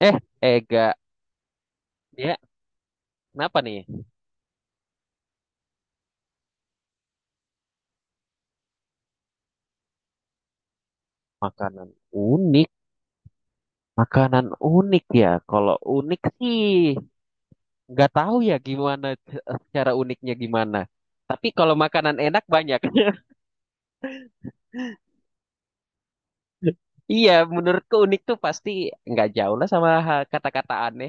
Eh, Ega, ya, kenapa nih? Makanan unik, makanan unik ya. Kalau unik sih, nggak tahu ya gimana secara uniknya gimana. Tapi kalau makanan enak banyak. Iya, menurutku unik tuh pasti nggak jauh lah sama kata-kata aneh.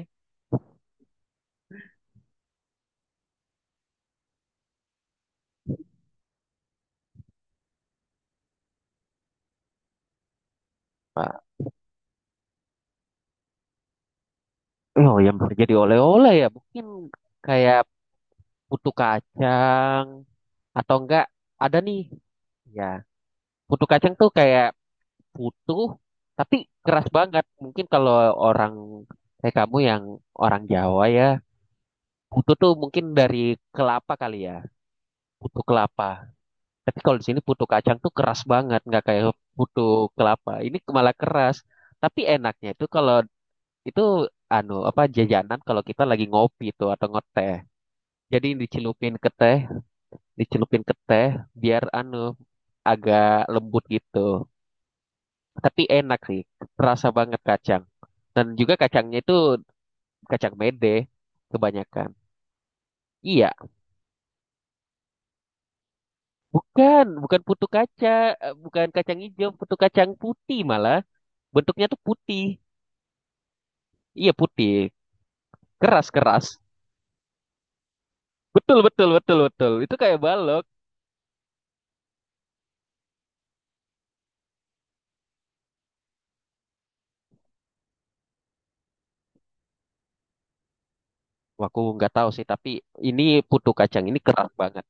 Pak, oh yang bisa jadi oleh-oleh ya, mungkin kayak putu kacang atau enggak ada nih. Ya, putu kacang tuh kayak utuh tapi keras banget. Mungkin kalau orang kayak kamu yang orang Jawa ya, putu tuh mungkin dari kelapa kali ya, putu kelapa. Tapi kalau di sini putu kacang tuh keras banget, nggak kayak putu kelapa. Ini malah keras. Tapi enaknya itu kalau itu anu apa jajanan kalau kita lagi ngopi tuh atau ngeteh. Jadi dicelupin ke teh biar anu agak lembut gitu. Tapi enak sih, terasa banget kacang. Dan juga kacangnya itu kacang mede kebanyakan. Iya, bukan, bukan putu kaca, eh, bukan kacang hijau, putu kacang putih malah. Bentuknya tuh putih. Iya putih, keras-keras. Betul, betul, betul, betul. Itu kayak balok. Wah, aku nggak tahu sih, tapi ini putu kacang ini keras banget.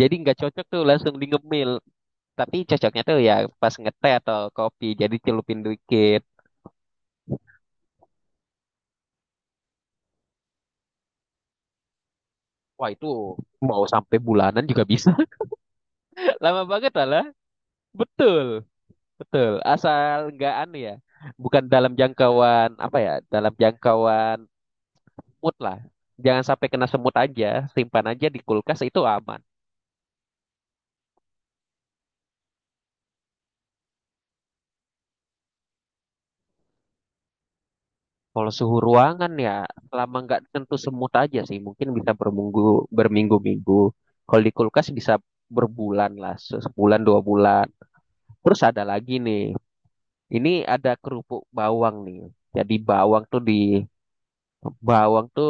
Jadi nggak cocok tuh langsung di ngemil. Tapi cocoknya tuh ya pas ngeteh atau kopi, jadi celupin dikit. Wah itu mau sampai bulanan juga bisa. Lama banget lah. Betul, betul. Asal nggak aneh ya. Bukan dalam jangkauan apa ya? Dalam jangkauan mood lah. Jangan sampai kena semut aja. Simpan aja di kulkas itu aman. Kalau suhu ruangan ya, selama nggak tentu semut aja sih. Mungkin bisa berminggu, berminggu-minggu. Kalau di kulkas bisa berbulan lah, sebulan dua bulan. Terus ada lagi nih. Ini ada kerupuk bawang nih. Jadi bawang tuh di bawang tuh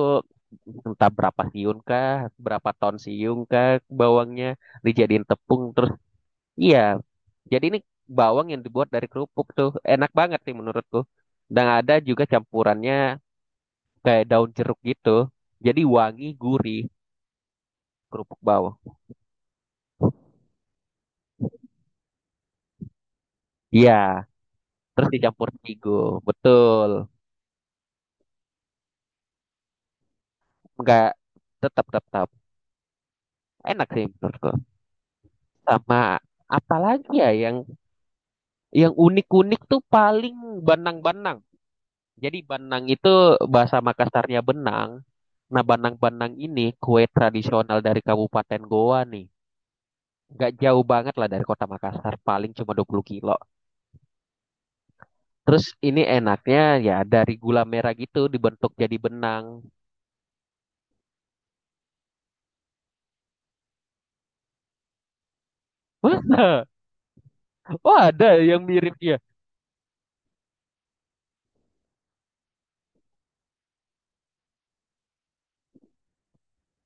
entah berapa siung kah, berapa ton siung kah bawangnya dijadiin tepung terus iya. Jadi ini bawang yang dibuat dari kerupuk tuh enak banget sih menurutku. Dan ada juga campurannya kayak daun jeruk gitu. Jadi wangi gurih kerupuk bawang. Iya, terus dicampur terigu. Betul. Enggak, tetap tetap tetap. Enak sih menurutku. Sama apalagi ya yang unik-unik tuh paling banang-banang. Jadi Banang itu bahasa Makassarnya benang. Nah, Banang-Banang ini kue tradisional dari Kabupaten Goa nih. Nggak jauh banget lah dari kota Makassar, paling cuma 20 kilo. Terus ini enaknya ya dari gula merah gitu dibentuk jadi benang. Masa? Oh ada yang mirip ya?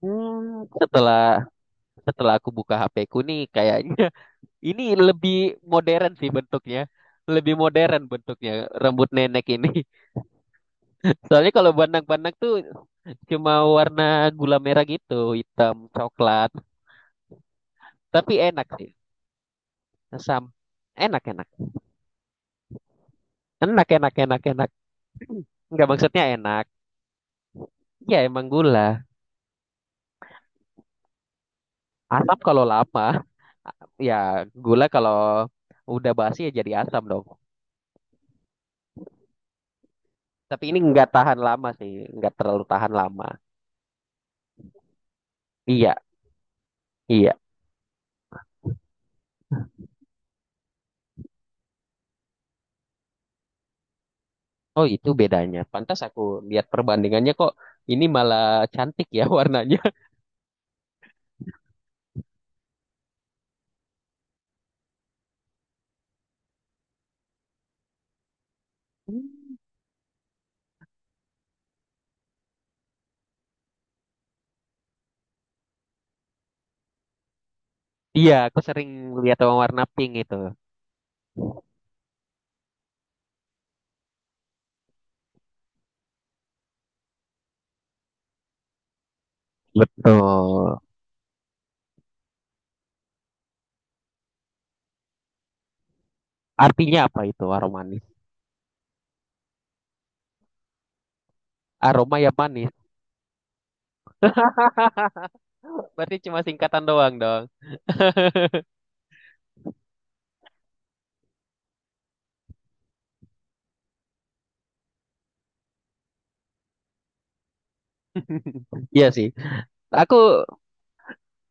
Setelah setelah aku buka HP ku nih kayaknya ini lebih modern sih bentuknya. Lebih modern bentuknya rambut nenek ini. Soalnya kalau bandang-bandang tuh cuma warna gula merah gitu, hitam, coklat. Tapi enak sih. Sam. Enak, enak. Enak, enak, enak, enak. Enggak, maksudnya enak. Ya emang gula. Asam kalau lama. Ya gula kalau udah basi ya jadi asam dong. Tapi ini nggak tahan lama sih. Nggak terlalu tahan lama. Iya, iya. Oh itu bedanya. Pantas aku lihat perbandingannya kok ini malah cantik ya warnanya. Iya, aku sering lihat warna pink itu. Betul. Artinya apa itu aroma manis? Aroma yang manis. Berarti cuma singkatan doang dong. Iya sih. Aku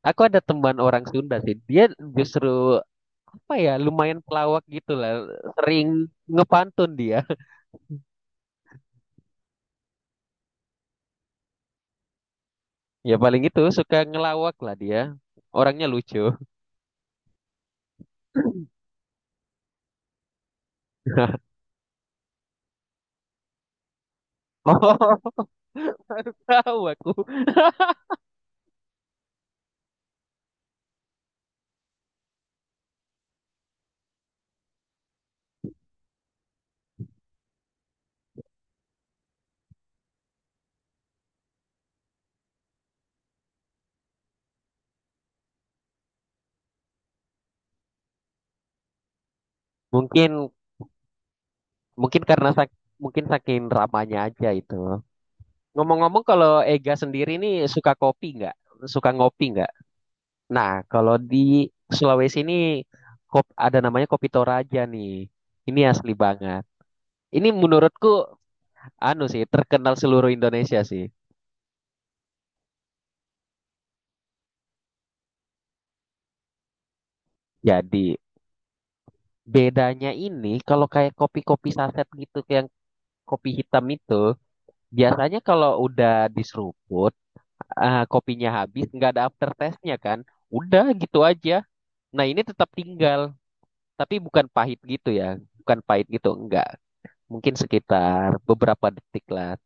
aku ada teman orang Sunda sih. Dia justru apa ya lumayan pelawak gitu lah. Sering ngepantun dia. Ya paling itu suka ngelawak lah dia. Orangnya lucu. Oh, baru tahu aku. Mungkin mungkin karena mungkin saking ramanya aja itu. Ngomong-ngomong kalau Ega sendiri nih suka kopi nggak? Suka ngopi nggak? Nah, kalau di Sulawesi ini ada namanya Kopi Toraja nih. Ini asli banget. Ini menurutku anu sih terkenal seluruh Indonesia sih. Jadi bedanya ini kalau kayak kopi-kopi saset gitu kayak kopi hitam itu biasanya kalau udah diseruput kopinya habis nggak ada aftertaste-nya kan. Udah gitu aja. Nah, ini tetap tinggal, tapi bukan pahit gitu ya. Bukan pahit gitu, enggak. Mungkin sekitar beberapa detik lah.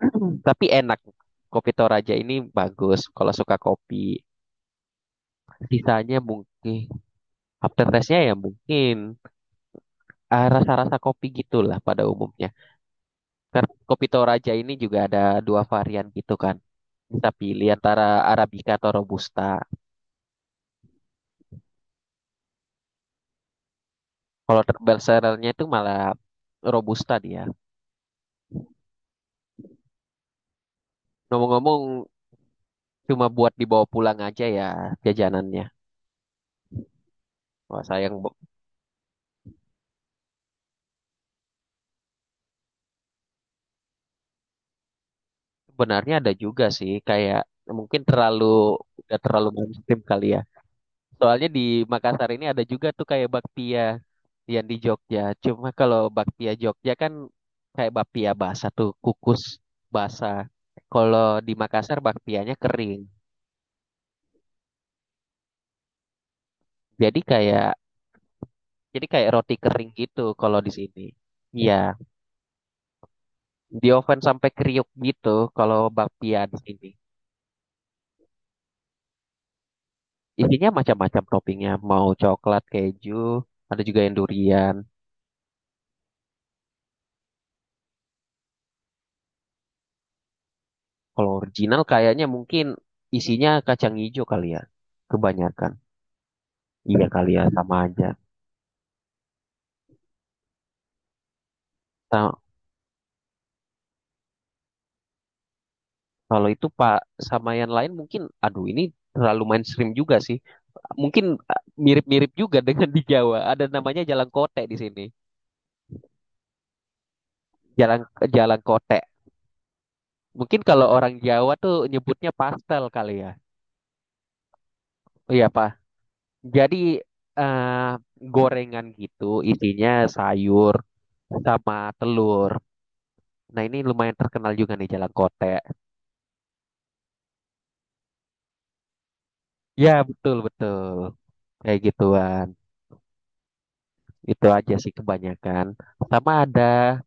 Tapi enak. Kopi Toraja ini bagus kalau suka kopi. Sisanya mungkin after taste-nya ya mungkin ah, rasa-rasa kopi gitulah pada umumnya. Karena kopi Toraja ini juga ada dua varian gitu kan. Bisa pilih antara Arabica atau Robusta. Kalau bestsellernya itu malah Robusta dia. Ngomong-ngomong cuma buat dibawa pulang aja ya jajanannya. Wah sayang Bo. Sebenarnya ada juga sih kayak mungkin terlalu udah terlalu mainstream kali ya. Soalnya di Makassar ini ada juga tuh kayak bakpia yang di Jogja. Cuma kalau bakpia Jogja kan kayak bakpia basah tuh, kukus basah. Kalau di Makassar bakpianya kering. Jadi kayak jadi kayak roti kering gitu kalau di sini. Iya, di oven sampai kriuk gitu kalau bakpia di sini. Isinya macam-macam toppingnya, mau coklat, keju, ada juga yang durian. Kalau original kayaknya mungkin isinya kacang hijau kali ya, kebanyakan. Iya kali ya sama aja. Ta- kalau itu Pak sama yang lain mungkin aduh ini terlalu mainstream juga sih. Mungkin mirip-mirip juga dengan di Jawa. Ada namanya Jalan Kote di sini. Jalan Jalan Kote. Mungkin kalau orang Jawa tuh nyebutnya pastel kali ya. Iya Pak. Jadi eh gorengan gitu isinya sayur sama telur. Nah ini lumayan terkenal juga nih Jalan Kote. Ya betul betul. Kayak gituan. Itu aja sih kebanyakan. Sama ada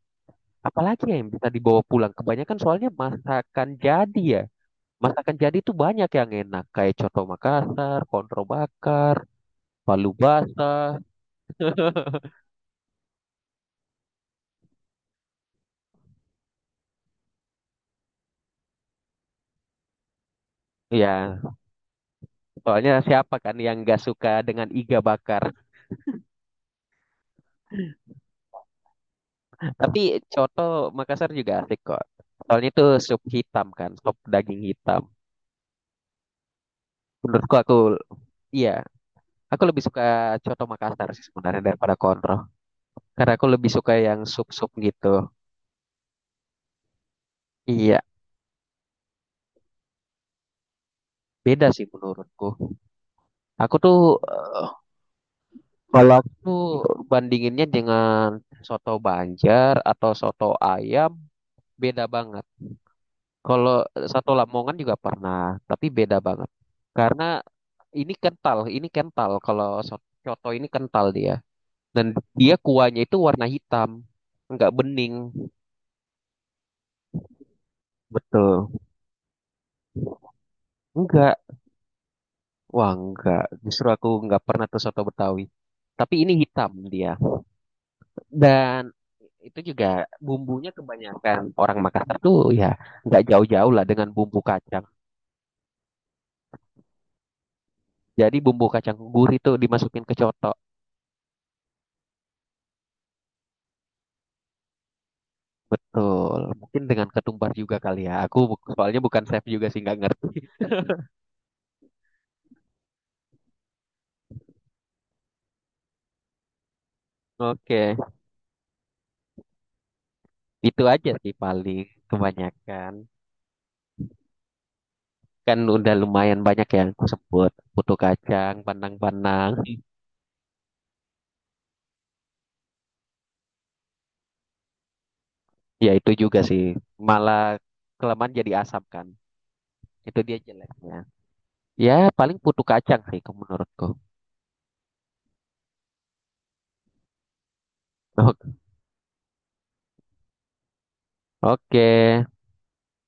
apa lagi ya yang bisa dibawa pulang? Kebanyakan soalnya masakan jadi ya. Masakan jadi itu banyak yang enak kayak coto Makassar, kontro bakar, palu basah. Ya, soalnya siapa kan yang nggak suka dengan iga bakar? Tapi coto Makassar juga asik kok. Soalnya itu sup hitam kan, sup daging hitam. Menurutku aku iya, aku lebih suka coto Makassar sih sebenarnya daripada kontro. Karena aku lebih suka yang sup-sup gitu. Iya, beda sih menurutku. Aku tuh eh, kalau aku tuh bandinginnya dengan soto Banjar atau soto ayam beda banget. Kalau soto Lamongan juga pernah, tapi beda banget. Karena ini kental kalau soto ini kental dia. Dan dia kuahnya itu warna hitam, nggak bening. Betul. Enggak. Wah, enggak. Justru aku nggak pernah tuh soto Betawi. Tapi ini hitam dia. Dan itu juga bumbunya kebanyakan orang Makassar tuh ya nggak jauh-jauh lah dengan bumbu kacang. Jadi bumbu kacang gurih itu dimasukin ke coto. Betul. Mungkin dengan ketumbar juga kali ya. Aku soalnya bukan chef juga sih nggak ngerti. Oke, itu aja sih paling kebanyakan. Kan udah lumayan banyak yang aku sebut. Putu kacang, pandang-pandang. Ya itu juga sih. Malah kelamaan jadi asam kan. Itu dia jeleknya. Ya paling putu kacang sih menurutku. Oke,